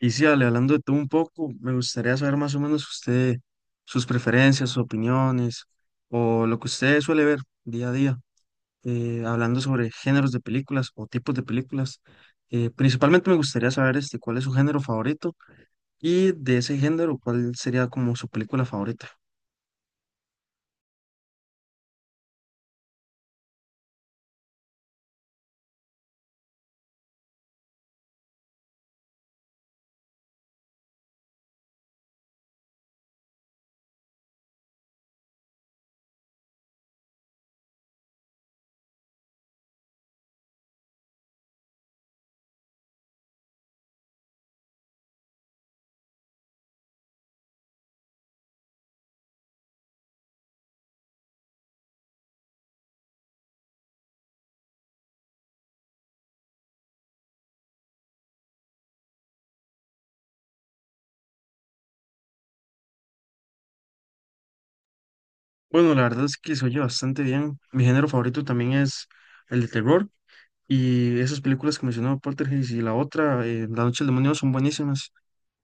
Y sí, Ale, hablando de todo un poco, me gustaría saber más o menos usted, sus preferencias, sus opiniones, o lo que usted suele ver día a día, hablando sobre géneros de películas o tipos de películas. Principalmente me gustaría saber cuál es su género favorito y de ese género, cuál sería como su película favorita. Bueno, la verdad es que se oye bastante bien. Mi género favorito también es el de terror y esas películas que mencionó Poltergeist y la otra, La Noche del Demonio, son buenísimas.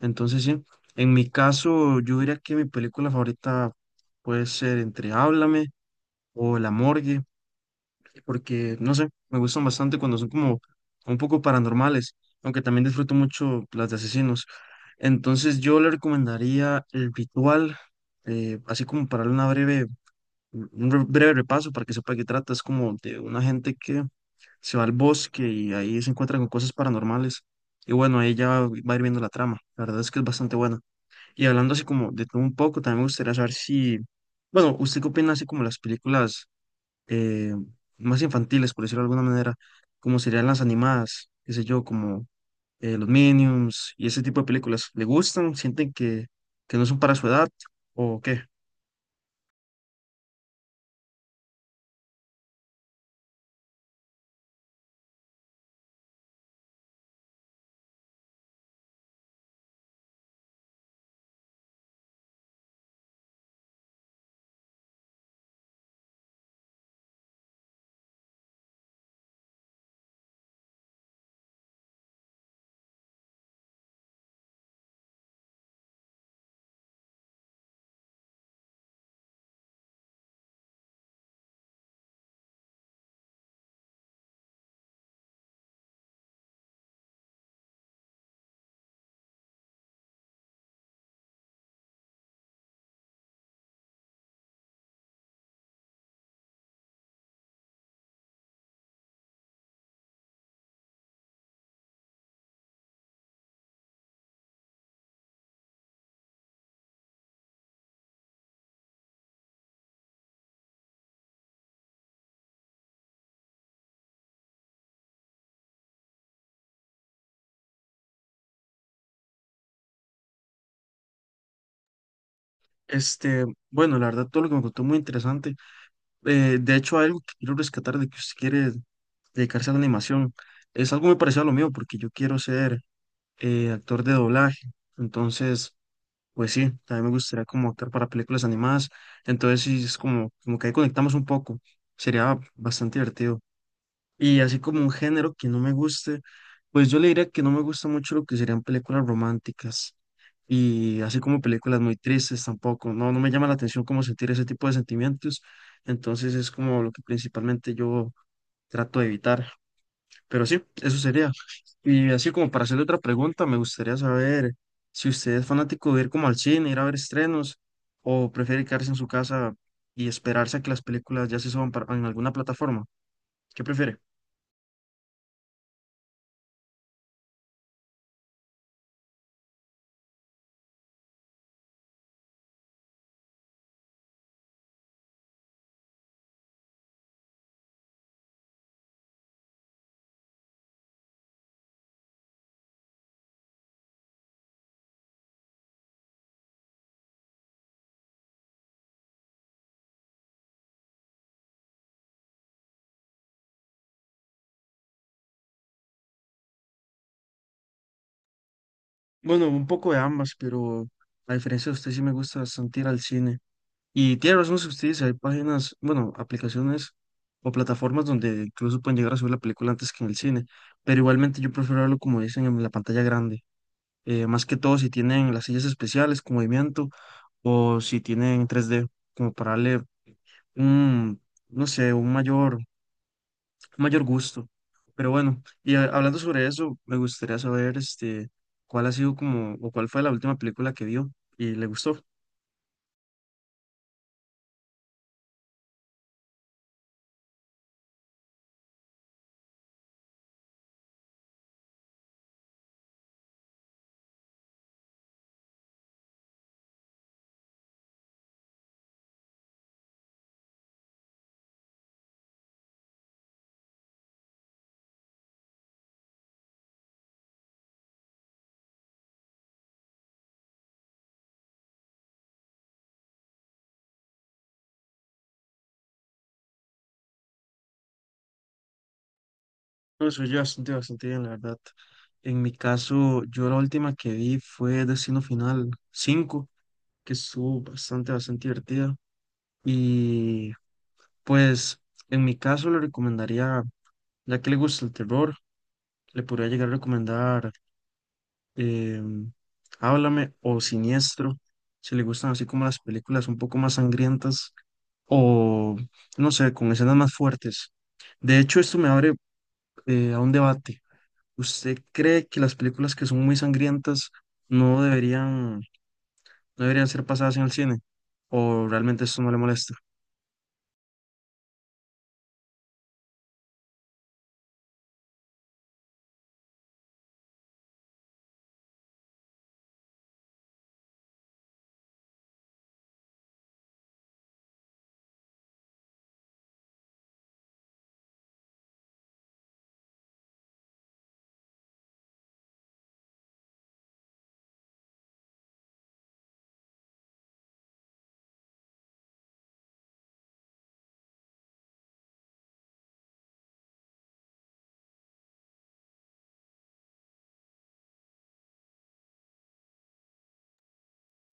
Entonces, sí, en mi caso, yo diría que mi película favorita puede ser entre Háblame o La Morgue, porque, no sé, me gustan bastante cuando son como un poco paranormales, aunque también disfruto mucho las de asesinos. Entonces, yo le recomendaría El Ritual, así como para darle una breve, un breve repaso para que sepa de qué trata. Es como de una gente que se va al bosque y ahí se encuentra con cosas paranormales. Y bueno, ahí ya va a ir viendo la trama. La verdad es que es bastante buena. Y hablando así como de todo un poco, también me gustaría saber si, bueno, ¿usted qué opina así como las películas eh, más infantiles, por decirlo de alguna manera, como serían las animadas, qué sé yo, como los Minions y ese tipo de películas? ¿Le gustan? ¿Sienten que no son para su edad o qué? Este, bueno, la verdad todo lo que me contó muy interesante. De hecho, hay algo que quiero rescatar de que usted quiere dedicarse a la animación. Es algo muy parecido a lo mío porque yo quiero ser actor de doblaje. Entonces. Pues sí, también me gustaría como optar para películas animadas. Entonces sí, es como, como que ahí conectamos un poco. Sería bastante divertido. Y así como un género que no me guste, pues yo le diría que no me gusta mucho lo que serían películas románticas. Y así como películas muy tristes tampoco. No, no me llama la atención como sentir ese tipo de sentimientos. Entonces es como lo que principalmente yo trato de evitar. Pero sí, eso sería. Y así como para hacerle otra pregunta, me gustaría saber si usted es fanático de ir como al cine, ir a ver estrenos, o prefiere quedarse en su casa y esperarse a que las películas ya se suban para- en alguna plataforma. ¿Qué prefiere? Bueno, un poco de ambas, pero a diferencia de usted sí me gusta bastante ir al cine. Y tiene razón si usted dice, hay páginas, bueno, aplicaciones o plataformas donde incluso pueden llegar a subir la película antes que en el cine, pero igualmente yo prefiero verlo como dicen en la pantalla grande. Más que todo si tienen las sillas especiales con movimiento o si tienen 3D como para darle un, no sé, un mayor gusto. Pero bueno, y hablando sobre eso, me gustaría saber este, cuál ha sido como, o cuál fue la última película que vio y le gustó. No, soy yo bastante, bastante bien, la verdad. En mi caso, yo la última que vi fue Destino Final 5 que estuvo bastante, bastante divertida. Y pues en mi caso le recomendaría. Ya que le gusta el terror, le podría llegar a recomendar em, Háblame o Siniestro, si le gustan así como las películas un poco más sangrientas o, no sé, con escenas más fuertes. De hecho, esto me abre a un debate. ¿Usted cree que las películas que son muy sangrientas no deberían ser pasadas en el cine? ¿O realmente esto no le molesta?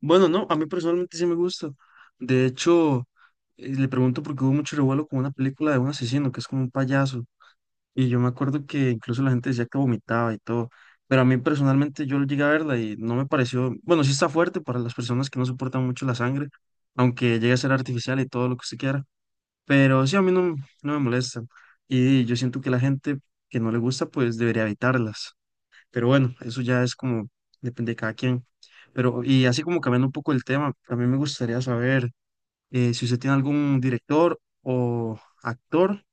Bueno, no, a mí personalmente sí me gusta. De hecho, le pregunto porque hubo mucho revuelo con una película de un asesino que es como un payaso. Y yo me acuerdo que incluso la gente decía que vomitaba y todo. Pero a mí personalmente yo llegué a verla y no me pareció. Bueno, sí está fuerte para las personas que no soportan mucho la sangre, aunque llegue a ser artificial y todo lo que se quiera. Pero sí, a mí no, no me molesta. Y yo siento que la gente que no le gusta, pues debería evitarlas. Pero bueno, eso ya es como, depende de cada quien. Pero, y así como cambiando un poco el tema, a mí me gustaría saber si usted tiene algún director o actor,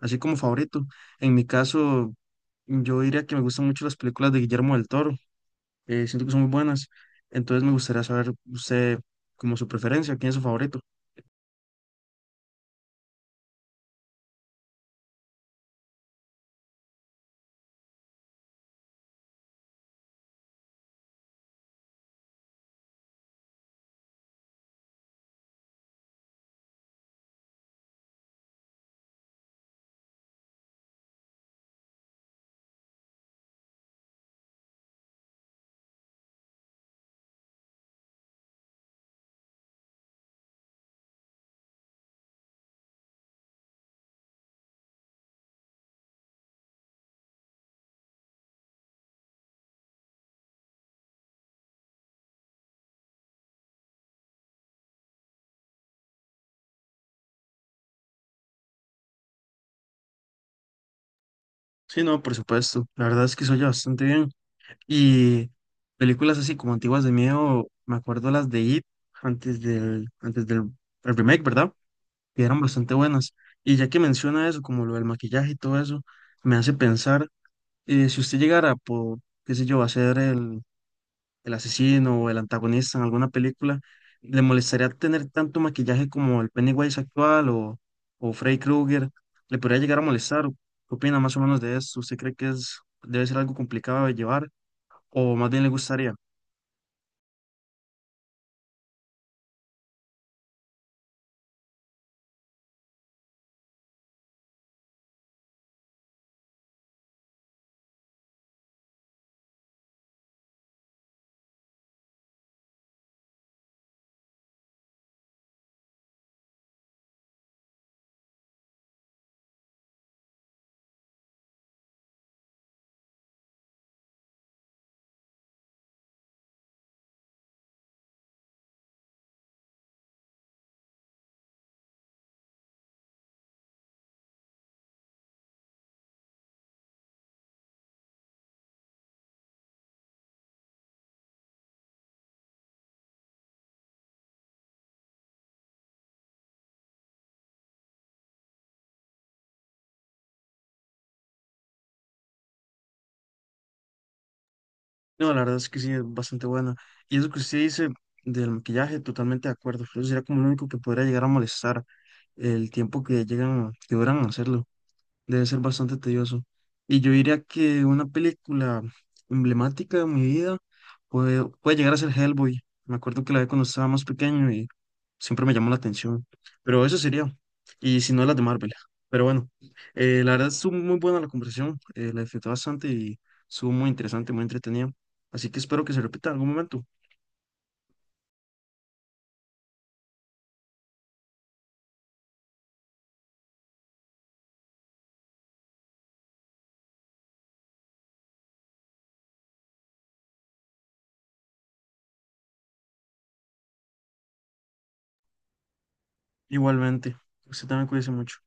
así como favorito. En mi caso, yo diría que me gustan mucho las películas de Guillermo del Toro, siento que son muy buenas. Entonces me gustaría saber usted como su preferencia, quién es su favorito. Sí, no, por supuesto. La verdad es que se oye bastante bien. Y películas así como antiguas de miedo, me acuerdo las de It antes del el remake, ¿verdad? Que eran bastante buenas. Y ya que menciona eso, como lo del maquillaje y todo eso, me hace pensar, si usted llegara por, qué sé yo, a ser el asesino o el antagonista en alguna película, ¿le molestaría tener tanto maquillaje como el Pennywise actual o, Freddy Krueger? ¿Le podría llegar a molestar? ¿Qué opina más o menos de eso? ¿Usted cree que debe ser algo complicado de llevar? ¿O más bien le gustaría? No, la verdad es que sí, es bastante buena. Y eso que usted dice del maquillaje, totalmente de acuerdo. Eso sería como lo único que podría llegar a molestar el tiempo que llegan, que duran en hacerlo. Debe ser bastante tedioso. Y yo diría que una película emblemática de mi vida puede llegar a ser Hellboy. Me acuerdo que la vi cuando estaba más pequeño. Siempre me llamó la atención. Pero eso sería. Y si no, las de Marvel. Pero bueno, la verdad estuvo muy buena la conversación. La disfruté bastante y estuvo muy interesante, muy entretenida. Así que espero que se repita en algún momento. Igualmente. Usted también cuídese mucho.